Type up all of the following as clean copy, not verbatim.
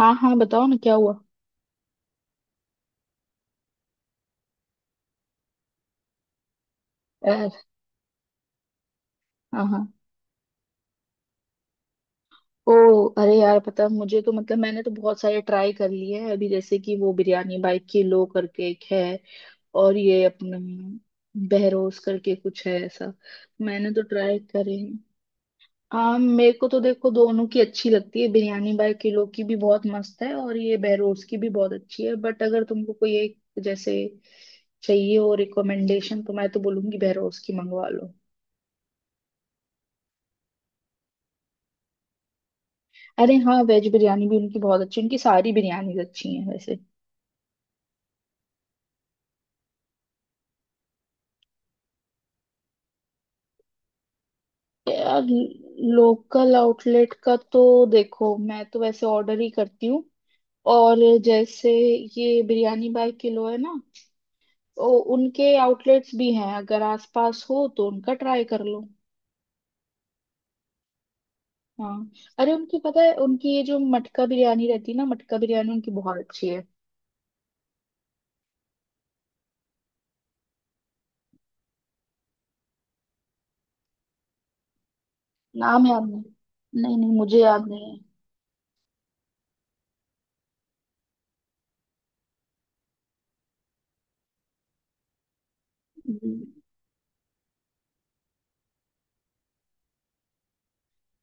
हाँ हाँ बताओ ना क्या हुआ। अर, हाँ हाँ। ओ। अरे यार पता है, मुझे तो मतलब मैंने तो बहुत सारे ट्राई कर लिए हैं अभी, जैसे कि वो बिरयानी बाई किलो करके एक है और ये अपने बहरोस करके कुछ है ऐसा। मैंने तो ट्राई करे हैं। हाँ मेरे को तो देखो दोनों की अच्छी लगती है, बिरयानी बाई किलो की भी बहुत मस्त है और ये बहरोस की भी बहुत अच्छी है, बट अगर तुमको कोई एक जैसे चाहिए हो रिकमेंडेशन तो मैं तो बोलूंगी बहरोस की मंगवा लो। अरे हाँ वेज बिरयानी भी उनकी बहुत अच्छी, उनकी सारी बिरयानीज अच्छी हैं वैसे। यार लोकल आउटलेट का तो देखो मैं तो वैसे ऑर्डर ही करती हूँ। और जैसे ये बिरयानी बाय किलो है ना, ओ, उनके आउटलेट्स भी हैं, अगर आसपास हो तो उनका ट्राई कर लो। हाँ। अरे उनकी पता है उनकी ये जो मटका बिरयानी रहती है ना, मटका बिरयानी उनकी बहुत अच्छी है। नाम याद नहीं। नहीं नहीं मुझे याद नहीं है।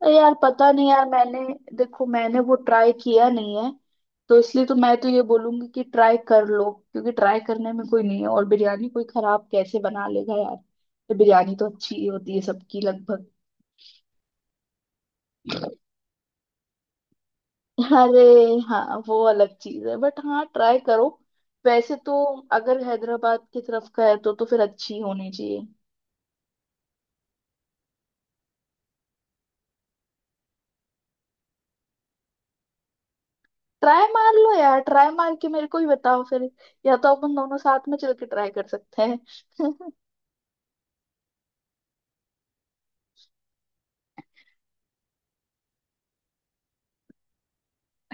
अरे यार पता नहीं यार, मैंने, देखो मैंने वो ट्राई किया नहीं है, तो इसलिए तो मैं तो ये बोलूंगी कि ट्राई कर लो, क्योंकि ट्राई करने में कोई नहीं है, और बिरयानी कोई खराब कैसे बना लेगा यार, तो बिरयानी तो अच्छी ही होती है सबकी लगभग। अरे हाँ वो अलग चीज है बट हाँ ट्राई करो। वैसे तो अगर हैदराबाद की तरफ का है तो फिर अच्छी होनी चाहिए। ट्राई मार लो यार, ट्राई मार के मेरे को ही बताओ फिर, या तो अपन दोनों साथ में चल के ट्राई कर सकते हैं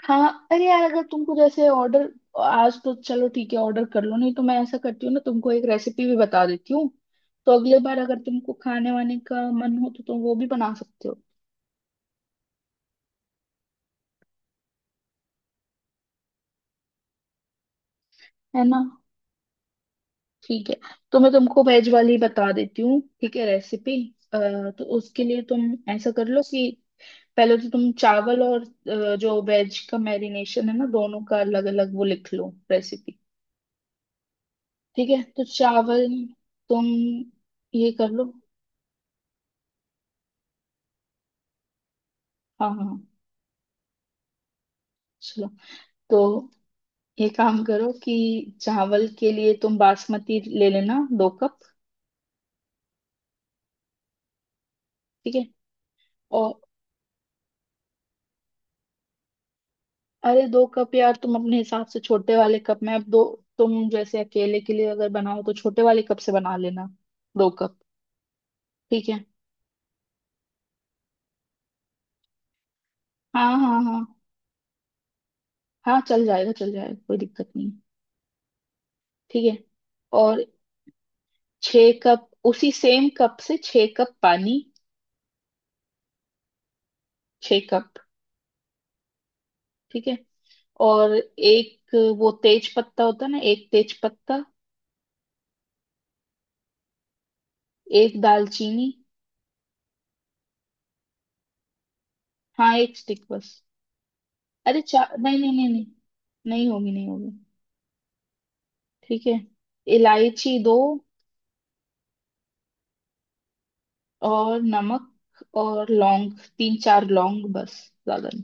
हाँ। अरे यार अगर तुमको जैसे ऑर्डर, आज तो चलो ठीक है ऑर्डर कर लो, नहीं तो मैं ऐसा करती हूँ ना, तुमको एक रेसिपी भी बता देती हूँ, तो अगले बार अगर तुमको खाने वाने का मन हो तो तुम वो भी बना सकते हो, है ना। ठीक है। तो मैं तुमको वेज वाली बता देती हूँ, ठीक है, रेसिपी। तो उसके लिए तुम ऐसा कर लो कि पहले तो तुम चावल और जो वेज का मैरिनेशन है ना, दोनों का अलग अलग वो लिख लो रेसिपी। ठीक है तो चावल, तुम ये कर लो। हाँ हाँ हाँ, चलो। तो ये काम करो कि चावल के लिए तुम बासमती ले लेना, दो कप। ठीक है और, अरे दो कप यार तुम अपने हिसाब से छोटे वाले कप में, अब दो तुम जैसे अकेले के लिए अगर बनाओ तो छोटे वाले कप से बना लेना, दो कप। ठीक है। हाँ हाँ हाँ। हाँ चल जाएगा चल जाएगा, कोई दिक्कत नहीं है, ठीक है। और छः कप, उसी सेम कप से छः कप पानी। छः कप। ठीक है। और एक वो तेज पत्ता होता है ना, एक तेज पत्ता, एक दालचीनी। हाँ एक स्टिक बस। अरे चार, नहीं नहीं नहीं नहीं, नहीं होगी नहीं होगी। ठीक है। इलायची दो, और नमक और लौंग, तीन चार लौंग बस, ज्यादा नहीं।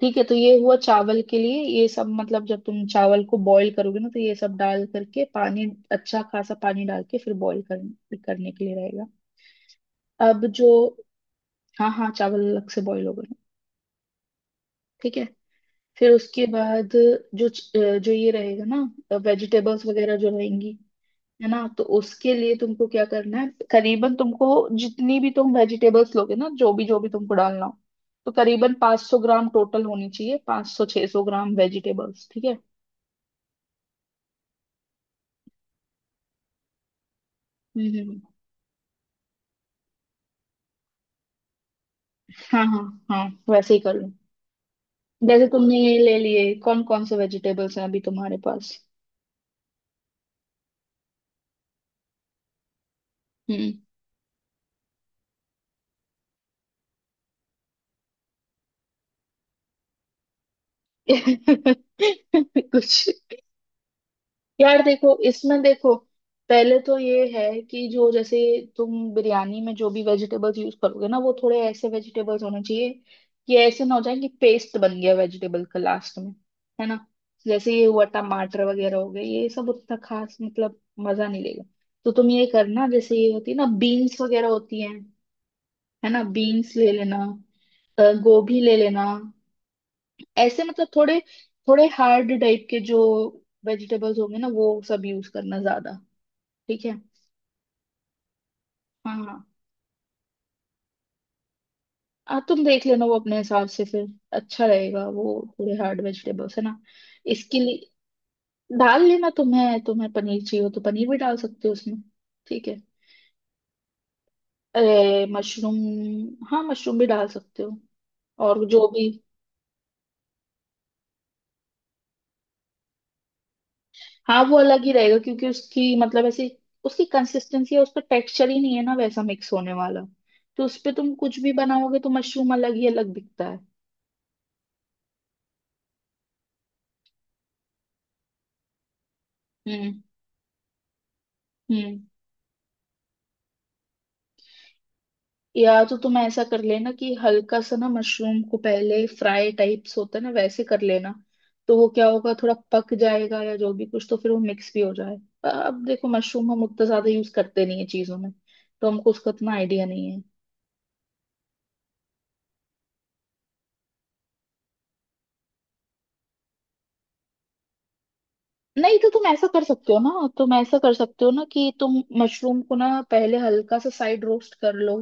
ठीक है, तो ये हुआ चावल के लिए, ये सब मतलब जब तुम चावल को बॉईल करोगे ना तो ये सब डाल करके पानी, अच्छा खासा पानी डाल के फिर करने के लिए रहेगा। अब जो, हाँ हाँ चावल अलग से बॉईल हो गए, ठीक है। फिर उसके बाद जो ये रहेगा ना वेजिटेबल्स वगैरह जो रहेंगी, है ना, तो उसके लिए तुमको क्या करना है, करीबन तुमको जितनी भी तुम वेजिटेबल्स लोगे ना, जो भी तुमको डालना हो, तो करीबन 500 ग्राम टोटल होनी चाहिए, 500 600 ग्राम वेजिटेबल्स, ठीक है। हम्म हम्म, हम्म। हाँ हाँ। हाँ वैसे ही कर लो। जैसे तुमने ये ले लिए, कौन कौन से वेजिटेबल्स हैं अभी तुम्हारे पास। हम्म। कुछ। यार देखो, इसमें देखो पहले तो ये है कि जो जैसे, तुम बिरयानी में जो भी वेजिटेबल्स यूज करोगे ना वो थोड़े ऐसे वेजिटेबल्स होने चाहिए कि ऐसे ना हो जाए कि पेस्ट बन गया वेजिटेबल का लास्ट में, है ना। जैसे ये हुआ टमाटर वगैरह हो गए ये सब, उतना खास मतलब मजा नहीं लेगा। तो तुम ये करना, जैसे ये होती है ना बीन्स वगैरह होती हैं, है ना, बीन्स ले लेना। गोभी ले लेना। ऐसे मतलब थोड़े, थोड़े हार्ड टाइप के जो वेजिटेबल्स होंगे ना वो सब यूज करना ज्यादा। ठीक है। हाँ हाँ। तुम देख लेना वो अपने हिसाब से फिर, अच्छा रहेगा वो, थोड़े हार्ड वेजिटेबल्स है ना। इसके लिए डाल लेना, तुम्हें तुम्हें पनीर चाहिए हो तो पनीर भी डाल सकते हो उसमें। ठीक है। अरे मशरूम, हाँ मशरूम भी डाल सकते हो। और जो भी, हाँ वो अलग ही रहेगा क्योंकि उसकी मतलब ऐसी, उसकी कंसिस्टेंसी है, उसका टेक्सचर ही नहीं है ना वैसा मिक्स होने वाला। तो उस पे तुम कुछ भी बनाओगे तो मशरूम अलग ही अलग दिखता है। हम्म हम्म। या तो तुम ऐसा कर लेना कि हल्का सा ना मशरूम को पहले फ्राई टाइप्स होता है ना वैसे कर लेना, तो वो क्या होगा थोड़ा पक जाएगा या जो भी कुछ, तो फिर वो मिक्स भी हो जाए। अब देखो मशरूम हम उतना ज्यादा यूज करते नहीं है चीजों में, तो हमको उसका इतना आइडिया नहीं है। नहीं तो तुम ऐसा कर सकते हो ना, तुम ऐसा कर सकते हो ना कि तुम मशरूम को ना पहले हल्का सा साइड रोस्ट कर लो,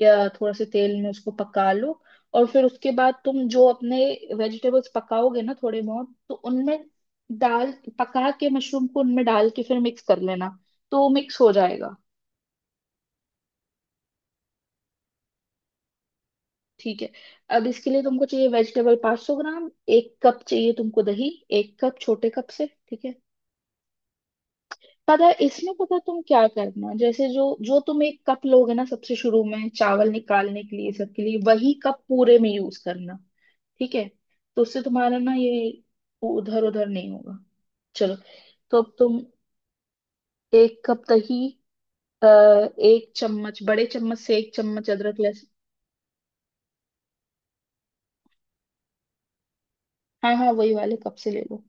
या थोड़ा से तेल में उसको पका लो, और फिर उसके बाद तुम जो अपने वेजिटेबल्स पकाओगे ना थोड़े बहुत, तो उनमें डाल, पका के मशरूम को उनमें डाल के फिर मिक्स कर लेना, तो मिक्स हो जाएगा। ठीक है। अब इसके लिए तुमको चाहिए वेजिटेबल 500 ग्राम, एक कप चाहिए तुमको दही, एक कप छोटे कप से, ठीक है। पता है इसमें, पता है तुम क्या करना, जैसे जो जो तुम एक कप लोगे ना सबसे शुरू में चावल निकालने के लिए, सबके लिए वही कप पूरे में यूज करना। ठीक है। तो उससे तुम्हारा ना ये, उधर उधर नहीं होगा। चलो। तो अब तुम एक कप दही, अ, एक चम्मच, बड़े चम्मच से एक चम्मच अदरक लहसुन। हाँ हाँ वही वाले कप से ले लो।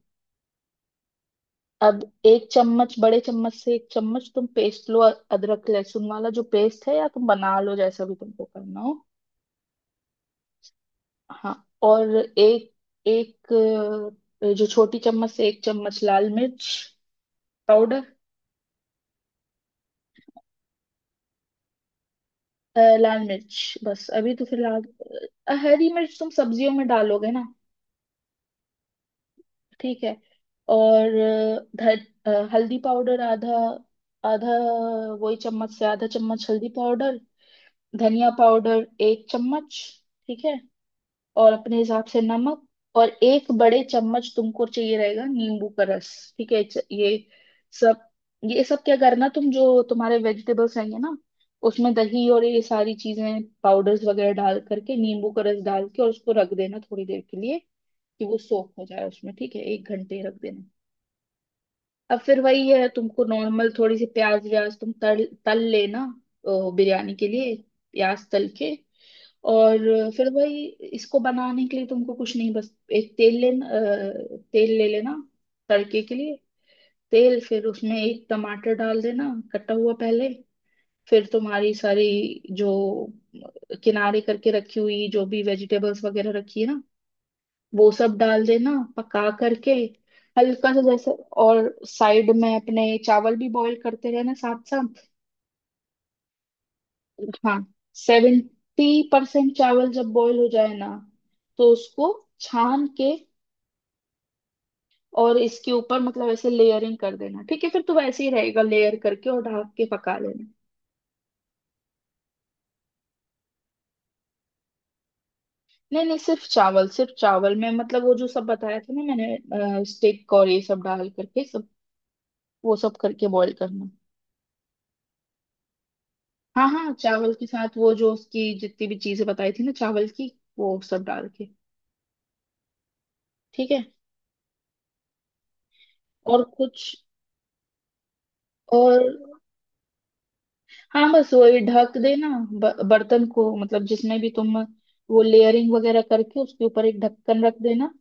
अब एक चम्मच, बड़े चम्मच से एक चम्मच तुम पेस्ट लो, अदरक लहसुन वाला जो पेस्ट है, या तुम बना लो जैसा भी तुमको करना हो। हाँ, और एक, एक जो छोटी चम्मच से एक चम्मच लाल मिर्च पाउडर, लाल मिर्च बस अभी तो फिलहाल। हरी मिर्च तुम सब्जियों में डालोगे ना। ठीक है। और हल्दी पाउडर आधा, आधा वही चम्मच से आधा चम्मच हल्दी पाउडर, धनिया पाउडर एक चम्मच। ठीक है। और अपने हिसाब से नमक, और एक बड़े चम्मच तुमको चाहिए रहेगा नींबू का रस। ठीक है, ये सब, ये सब क्या करना, तुम जो तुम्हारे वेजिटेबल्स रहेंगे ना उसमें दही और ये सारी चीजें पाउडर्स वगैरह डाल करके नींबू का रस डाल के और उसको रख देना थोड़ी देर के लिए, कि वो सोख हो जाए उसमें, ठीक है, एक घंटे रख देना। अब फिर वही है, तुमको नॉर्मल थोड़ी सी प्याज व्याज तुम तल तल लेना, बिरयानी के लिए प्याज तल के। और फिर वही, इसको बनाने के लिए तुमको कुछ नहीं बस एक तेल लेना, तेल ले लेना तड़के के लिए। तेल फिर उसमें एक टमाटर डाल देना कटा हुआ पहले, फिर तुम्हारी सारी जो किनारे करके रखी हुई जो भी वेजिटेबल्स वगैरह रखी है ना, वो सब डाल देना, पका करके हल्का सा जैसे। और साइड में अपने चावल भी बॉईल करते रहना साथ साथ। हाँ, 70% चावल जब बॉईल हो जाए ना तो उसको छान के और इसके ऊपर मतलब ऐसे लेयरिंग कर देना, ठीक है फिर तो वैसे ही रहेगा, लेयर करके और ढक के पका लेना। नहीं नहीं, सिर्फ चावल, सिर्फ चावल में मतलब वो जो सब बताया था ना मैंने, स्टेक और ये सब डाल करके सब, वो सब करके बॉईल करना। हाँ हाँ चावल के साथ, वो जो उसकी जितनी भी चीजें बताई थी ना चावल की, वो सब डाल के। ठीक है, और कुछ, और हाँ बस वही ढक देना, बर्तन को, मतलब जिसमें भी तुम वो लेयरिंग वगैरह करके उसके ऊपर एक ढक्कन रख देना,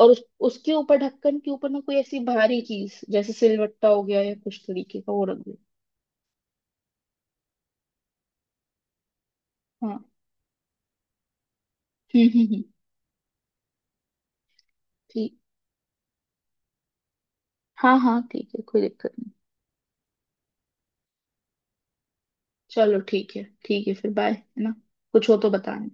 और उसके ऊपर ढक्कन के ऊपर ना कोई ऐसी भारी चीज जैसे सिलवट्टा हो गया या कुछ तरीके का वो रख देना। हाँ। हम्म हम्म हम्म, ठीक। हाँ हाँ ठीक है, कोई दिक्कत नहीं। चलो ठीक है, ठीक है फिर बाय, है ना, कुछ हो तो बताना।